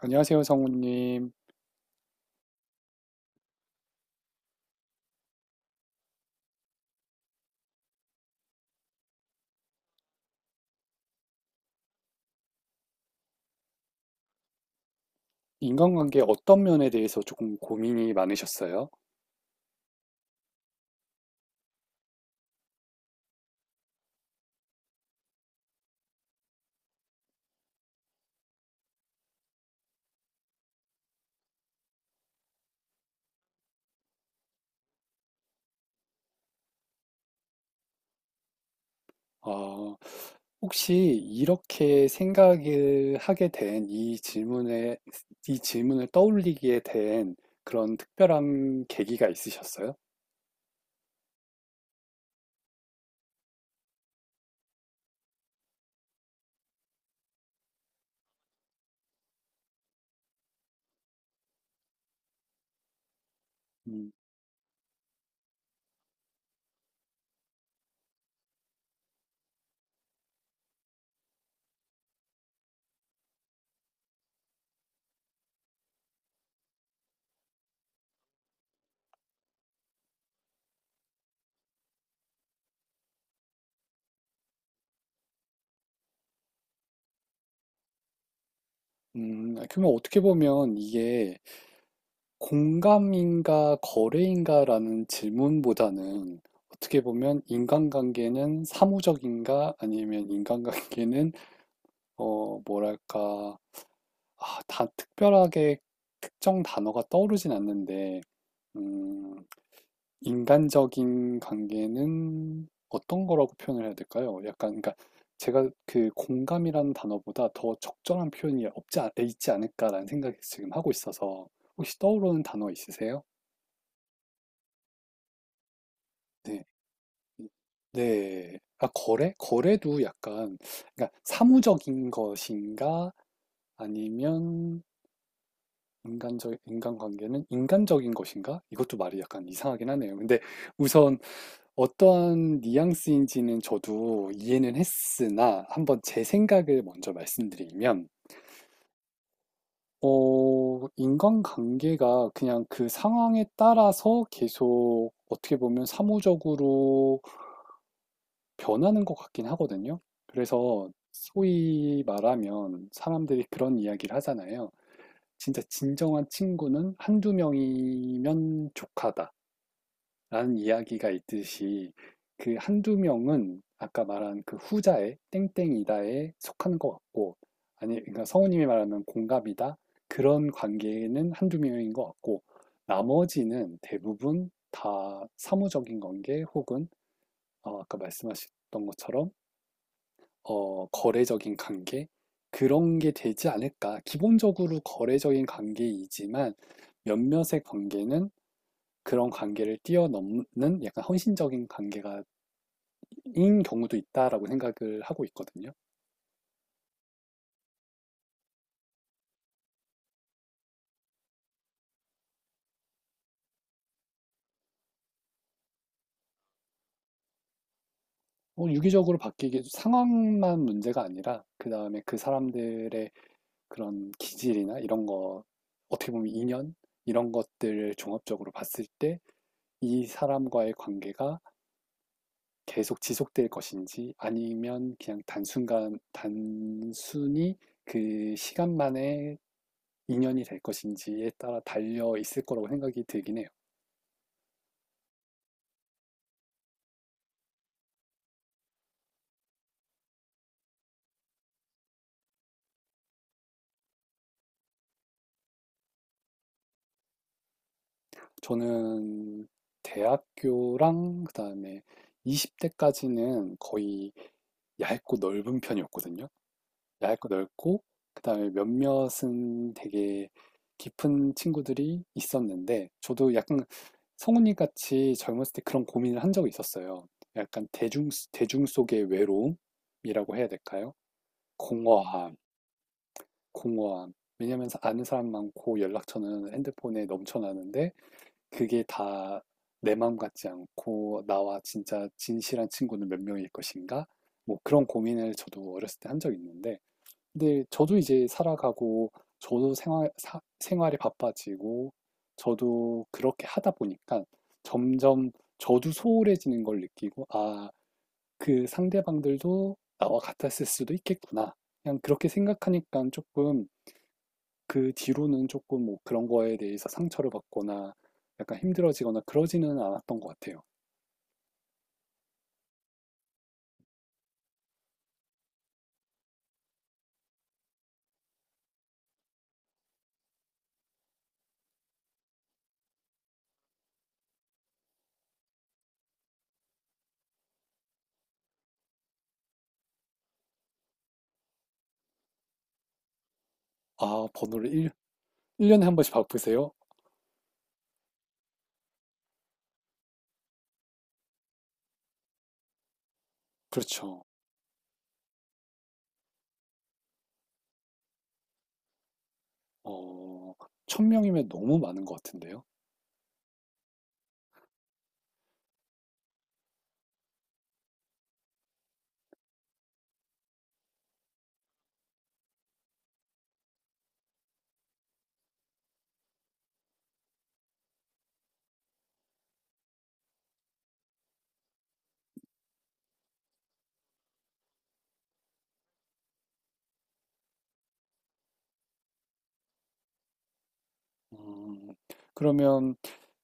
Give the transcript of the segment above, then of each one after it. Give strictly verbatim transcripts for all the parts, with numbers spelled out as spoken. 안녕하세요, 성우님. 인간관계 어떤 면에 대해서 조금 고민이 많으셨어요? 어, 혹시 이렇게 생각을 하게 된 이 질문에, 이 질문을 떠올리게 된 그런 특별한 계기가 있으셨어요? 음, 음, 그러면 어떻게 보면 이게 공감인가 거래인가라는 질문보다는 어떻게 보면 인간관계는 사무적인가 아니면 인간관계는 어, 뭐랄까, 아, 다 특별하게 특정 단어가 떠오르진 않는데, 음, 인간적인 관계는 어떤 거라고 표현을 해야 될까요? 약간, 그러니까 제가 그 공감이라는 단어보다 더 적절한 표현이 없지, 않- 있지 않을까라는 생각이 지금 하고 있어서, 혹시 떠오르는 단어 있으세요? 네. 네. 아, 거래? 거래도 약간, 그러니까 사무적인 것인가? 아니면 인간적, 인간관계는 인간적인 것인가? 이것도 말이 약간 이상하긴 하네요. 근데 우선 어떠한 뉘앙스인지는 저도 이해는 했으나 한번 제 생각을 먼저 말씀드리면, 어, 인간관계가 그냥 그 상황에 따라서 계속 어떻게 보면 사무적으로 변하는 것 같긴 하거든요. 그래서 소위 말하면 사람들이 그런 이야기를 하잖아요. 진짜 진정한 친구는 한두 명이면 족하다. 라는 이야기가 있듯이 그 한두 명은 아까 말한 그 후자에 땡땡이다에 속하는 것 같고, 아니 그러니까 성우님이 말하면 공갑이다, 그런 관계는 한두 명인 것 같고, 나머지는 대부분 다 사무적인 관계 혹은 어, 아까 말씀하셨던 것처럼 어, 거래적인 관계, 그런 게 되지 않을까. 기본적으로 거래적인 관계이지만 몇몇의 관계는 그런 관계를 뛰어넘는 약간 헌신적인 관계가 인 경우도 있다라고 생각을 하고 있거든요. 어, 유기적으로 바뀌기 상황만 문제가 아니라 그 다음에 그 사람들의 그런 기질이나 이런 거 어떻게 보면 인연, 이런 것들을 종합적으로 봤을 때 이 사람과의 관계가 계속 지속될 것인지, 아니면 그냥 단순간 단순히 그 시간만의 인연이 될 것인지에 따라 달려 있을 거라고 생각이 들긴 해요. 저는 대학교랑 그다음에 이십 대까지는 거의 얇고 넓은 편이었거든요. 얇고 넓고, 그다음에 몇몇은 되게 깊은 친구들이 있었는데, 저도 약간 성훈이 같이 젊었을 때 그런 고민을 한 적이 있었어요. 약간 대중 대중 속의 외로움이라고 해야 될까요? 공허함, 공허함. 왜냐면 아는 사람 많고 연락처는 핸드폰에 넘쳐나는데 그게 다 내 마음 같지 않고, 나와 진짜 진실한 친구는 몇 명일 것인가? 뭐 그런 고민을 저도 어렸을 때 한 적이 있는데, 근데 저도 이제 살아가고 저도 생활, 사- 생활이 바빠지고, 저도 그렇게 하다 보니까 점점 저도 소홀해지는 걸 느끼고, 아, 그 상대방들도 나와 같았을 수도 있겠구나. 그냥 그렇게 생각하니까 조금, 그 뒤로는 조금 뭐 그런 거에 대해서 상처를 받거나 약간 힘들어지거나 그러지는 않았던 것 같아요. 아, 번호를 일, 일년에 한 번씩 바꾸세요? 그렇죠. 어, 천 명이면 너무 많은 것 같은데요. 음, 그러면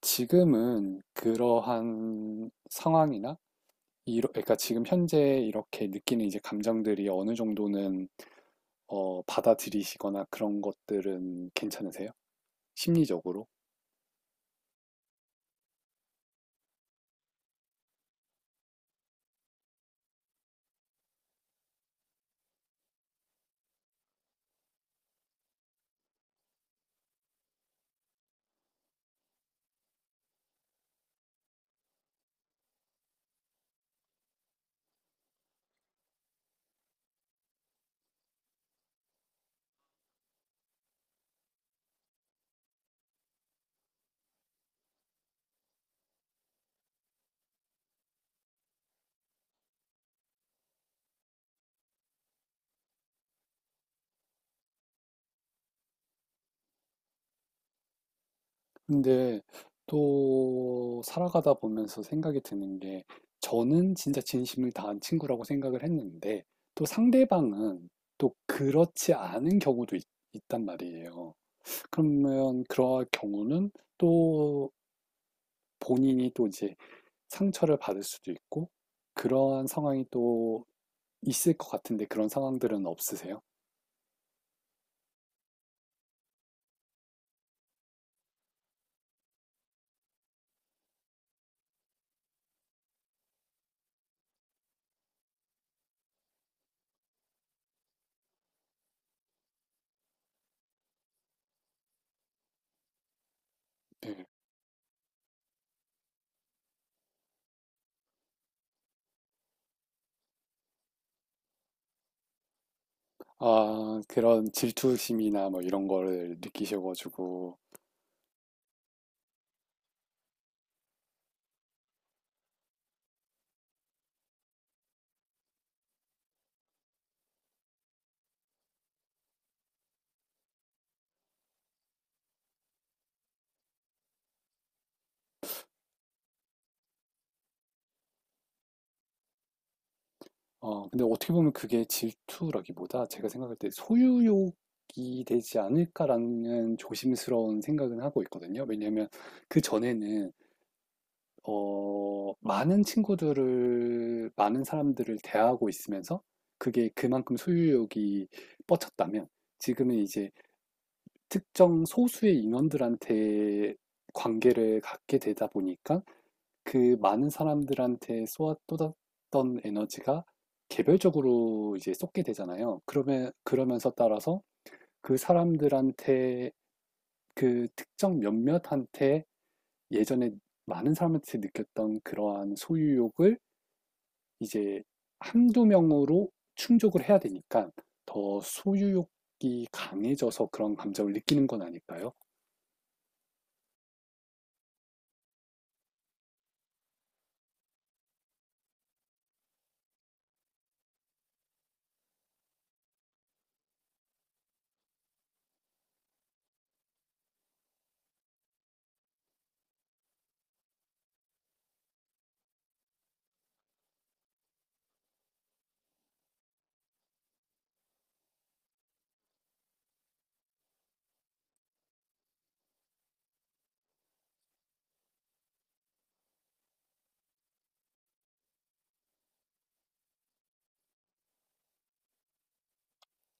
지금은 그러한 상황이나 이러, 그러니까 지금 현재 이렇게 느끼는 이제 감정들이 어느 정도는 어, 받아들이시거나 그런 것들은 괜찮으세요? 심리적으로? 근데 또 살아가다 보면서 생각이 드는 게, 저는 진짜 진심을 다한 친구라고 생각을 했는데 또 상대방은 또 그렇지 않은 경우도 있, 단 말이에요. 그러면 그러한 경우는 또 본인이 또 이제 상처를 받을 수도 있고, 그러한 상황이 또 있을 것 같은데 그런 상황들은 없으세요? 네. 아, 그런 질투심이나 뭐 이런 거를 느끼셔가지고. 어, 근데 어떻게 보면 그게 질투라기보다 제가 생각할 때 소유욕이 되지 않을까라는 조심스러운 생각은 하고 있거든요. 왜냐하면 그 전에는 어, 많은 친구들을, 많은 사람들을 대하고 있으면서 그게 그만큼 소유욕이 뻗쳤다면, 지금은 이제 특정 소수의 인원들한테 관계를 갖게 되다 보니까 그 많은 사람들한테 쏟아 쏟았던 에너지가 개별적으로 이제 쏟게 되잖아요. 그러면 그러면서 따라서 그 사람들한테, 그 특정 몇몇한테 예전에 많은 사람한테 느꼈던 그러한 소유욕을 이제 한두 명으로 충족을 해야 되니까 더 소유욕이 강해져서 그런 감정을 느끼는 건 아닐까요?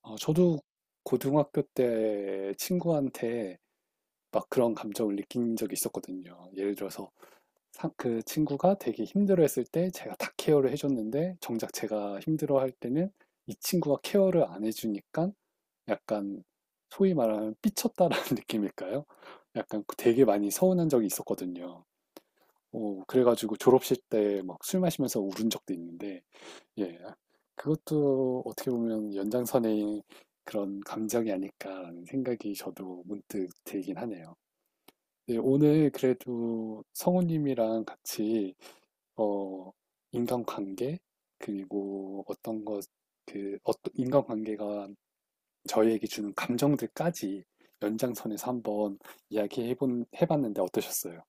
어, 저도 고등학교 때 친구한테 막 그런 감정을 느낀 적이 있었거든요. 예를 들어서 그 친구가 되게 힘들어했을 때 제가 다 케어를 해줬는데, 정작 제가 힘들어할 때는 이 친구가 케어를 안 해주니까 약간, 소위 말하면 삐쳤다라는 느낌일까요? 약간 되게 많이 서운한 적이 있었거든요. 어, 그래가지고 졸업식 때 막 술 마시면서 울은 적도 있는데, 예. 그것도 어떻게 보면 연장선의 그런 감정이 아닐까라는 생각이 저도 문득 들긴 하네요. 네, 오늘 그래도 성우님이랑 같이 어, 인간관계, 그리고 어떤 것, 그 어떤 인간관계가 저희에게 주는 감정들까지 연장선에서 한번 이야기해본 해봤는데 어떠셨어요?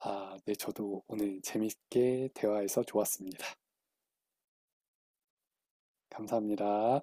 아, 네, 저도 오늘 재밌게 대화해서 좋았습니다. 감사합니다.